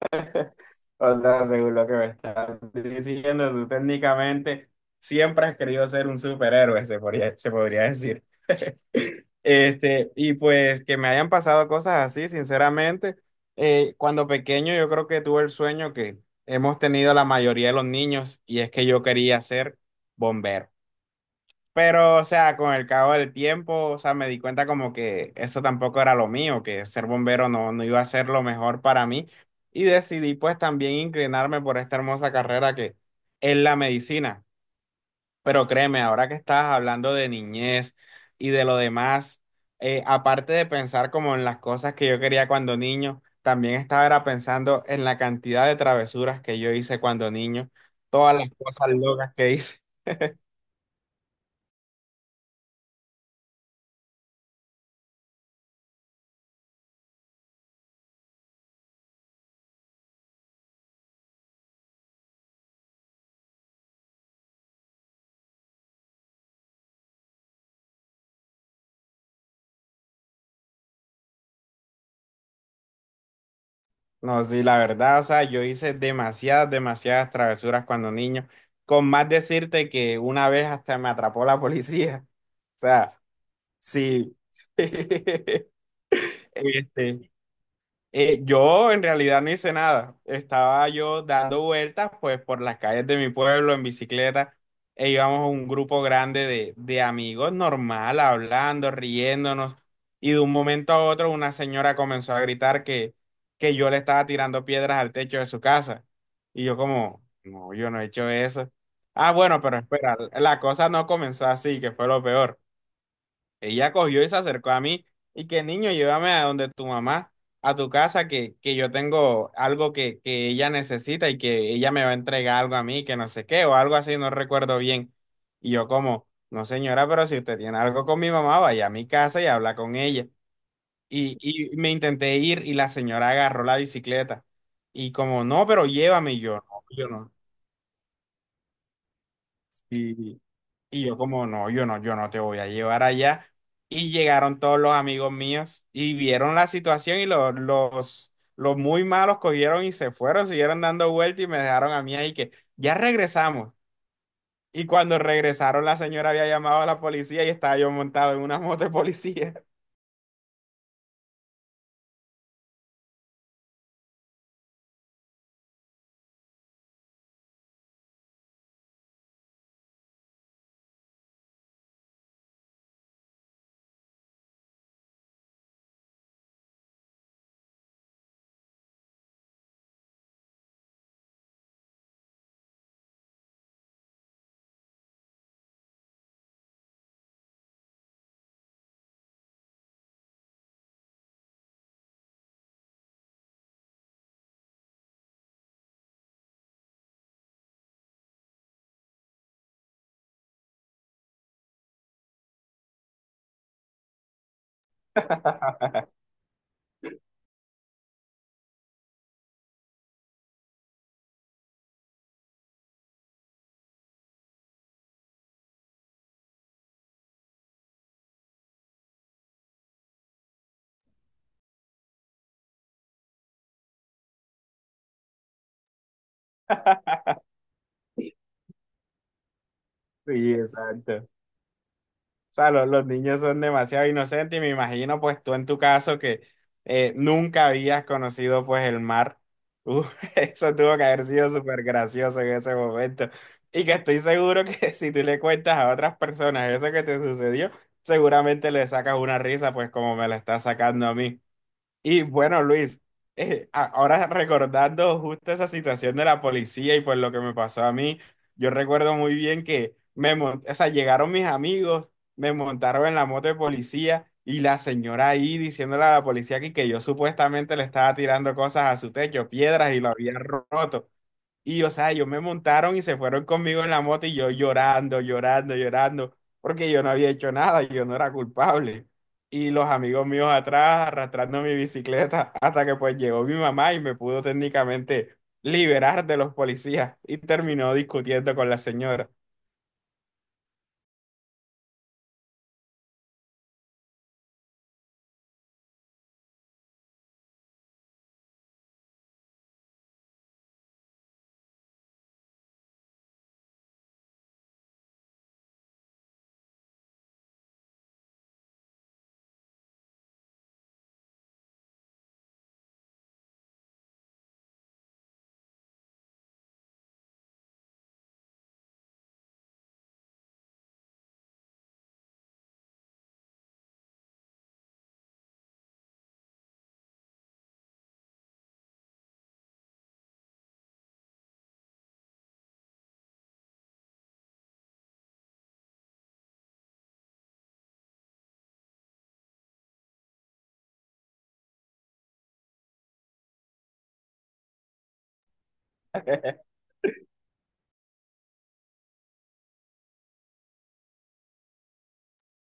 O sea, según lo que me estás diciendo, tú técnicamente siempre has querido ser un superhéroe, se podría decir. Y pues que me hayan pasado cosas así, sinceramente, cuando pequeño yo creo que tuve el sueño que hemos tenido la mayoría de los niños, y es que yo quería ser bombero. Pero, o sea, con el cabo del tiempo, o sea, me di cuenta como que eso tampoco era lo mío, que ser bombero no iba a ser lo mejor para mí. Y decidí pues también inclinarme por esta hermosa carrera que es la medicina. Pero créeme, ahora que estabas hablando de niñez y de lo demás, aparte de pensar como en las cosas que yo quería cuando niño, también estaba era pensando en la cantidad de travesuras que yo hice cuando niño, todas las cosas locas que hice. No, sí, la verdad, o sea, yo hice demasiadas travesuras cuando niño, con más decirte que una vez hasta me atrapó la policía. O sea, sí. Este, yo en realidad no hice nada. Estaba yo dando vueltas pues por las calles de mi pueblo en bicicleta e íbamos un grupo grande de amigos normal, hablando, riéndonos, y de un momento a otro una señora comenzó a gritar que yo le estaba tirando piedras al techo de su casa. Y yo como, no, yo no he hecho eso. Ah, bueno, pero espera, la cosa no comenzó así, que fue lo peor. Ella cogió y se acercó a mí y que niño, llévame a donde tu mamá, a tu casa, que yo tengo algo que ella necesita y que ella me va a entregar algo a mí, que no sé qué, o algo así, no recuerdo bien. Y yo como, no señora, pero si usted tiene algo con mi mamá, vaya a mi casa y habla con ella. Y me intenté ir y la señora agarró la bicicleta. Y como, no, pero llévame. Y yo, no, yo no. Sí. Y yo como, no, yo no te voy a llevar allá. Y llegaron todos los amigos míos y vieron la situación, y los muy malos cogieron y se fueron, siguieron dando vueltas y me dejaron a mí ahí que ya regresamos. Y cuando regresaron, la señora había llamado a la policía y estaba yo montado en una moto de policía. Sí, exacto. sea, los niños son demasiado inocentes, y me imagino pues tú en tu caso que nunca habías conocido pues el mar. Uh, eso tuvo que haber sido súper gracioso en ese momento. Y que estoy seguro que si tú le cuentas a otras personas eso que te sucedió, seguramente le sacas una risa pues como me la está sacando a mí. Y bueno, Luis, ahora recordando justo esa situación de la policía y pues lo que me pasó a mí, yo recuerdo muy bien que o sea, llegaron mis amigos, me montaron en la moto de policía y la señora ahí diciéndole a la policía que yo supuestamente le estaba tirando cosas a su techo, piedras, y lo había roto. Y, o sea, ellos me montaron y se fueron conmigo en la moto y yo llorando, porque yo no había hecho nada, yo no era culpable. Y los amigos míos atrás arrastrando mi bicicleta hasta que pues llegó mi mamá y me pudo técnicamente liberar de los policías, y terminó discutiendo con la señora.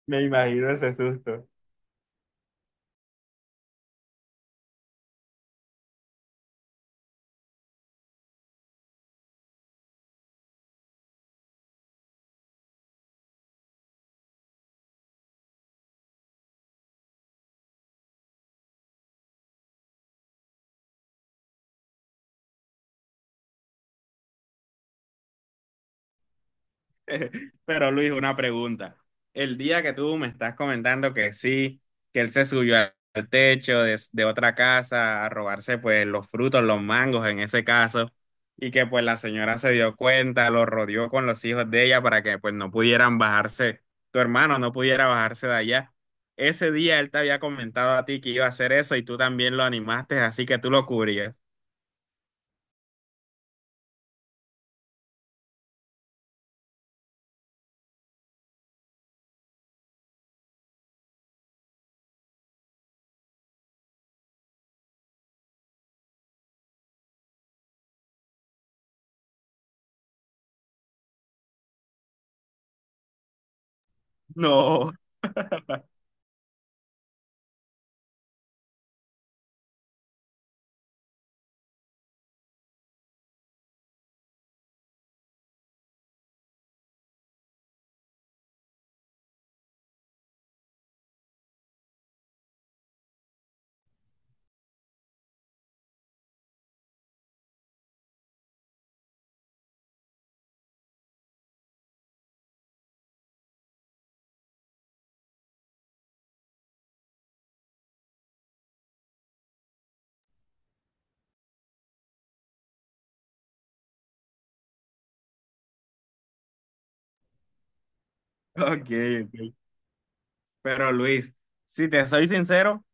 Me imagino ese susto. Pero Luis, una pregunta. El día que tú me estás comentando que sí, que él se subió al techo de otra casa a robarse pues los frutos, los mangos en ese caso, y que pues la señora se dio cuenta, lo rodeó con los hijos de ella para que pues no pudieran bajarse, tu hermano no pudiera bajarse de allá. Ese día él te había comentado a ti que iba a hacer eso y tú también lo animaste, así que tú lo cubrías. No. Ok, ok. Pero Luis, si te soy sincero,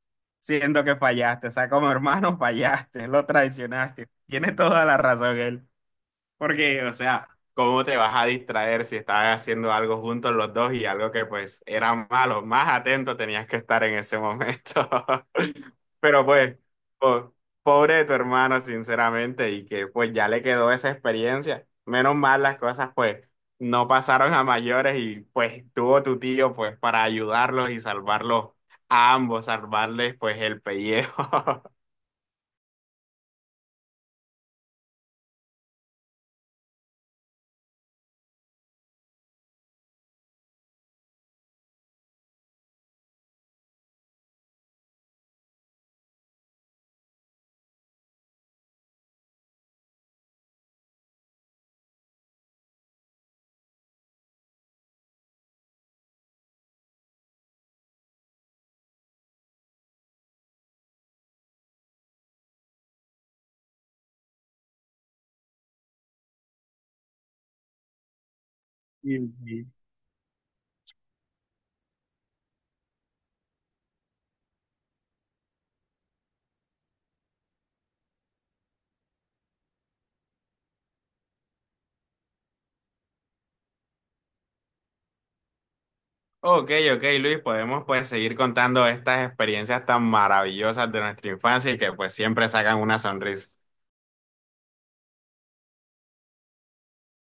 siento que fallaste. O sea, como hermano, fallaste, lo traicionaste. Tiene toda la razón él. Porque, o sea, ¿cómo te vas a distraer si estabas haciendo algo juntos los dos y algo que pues era malo? Más atento tenías que estar en ese momento. Pero pues, po- pobre de tu hermano, sinceramente, y que pues ya le quedó esa experiencia. Menos mal las cosas pues no pasaron a mayores y pues tuvo tu tío pues para ayudarlos y salvarlos a ambos, salvarles pues el pellejo. Y ok, ok, Luis, podemos pues seguir contando estas experiencias tan maravillosas de nuestra infancia y que pues siempre sacan una sonrisa.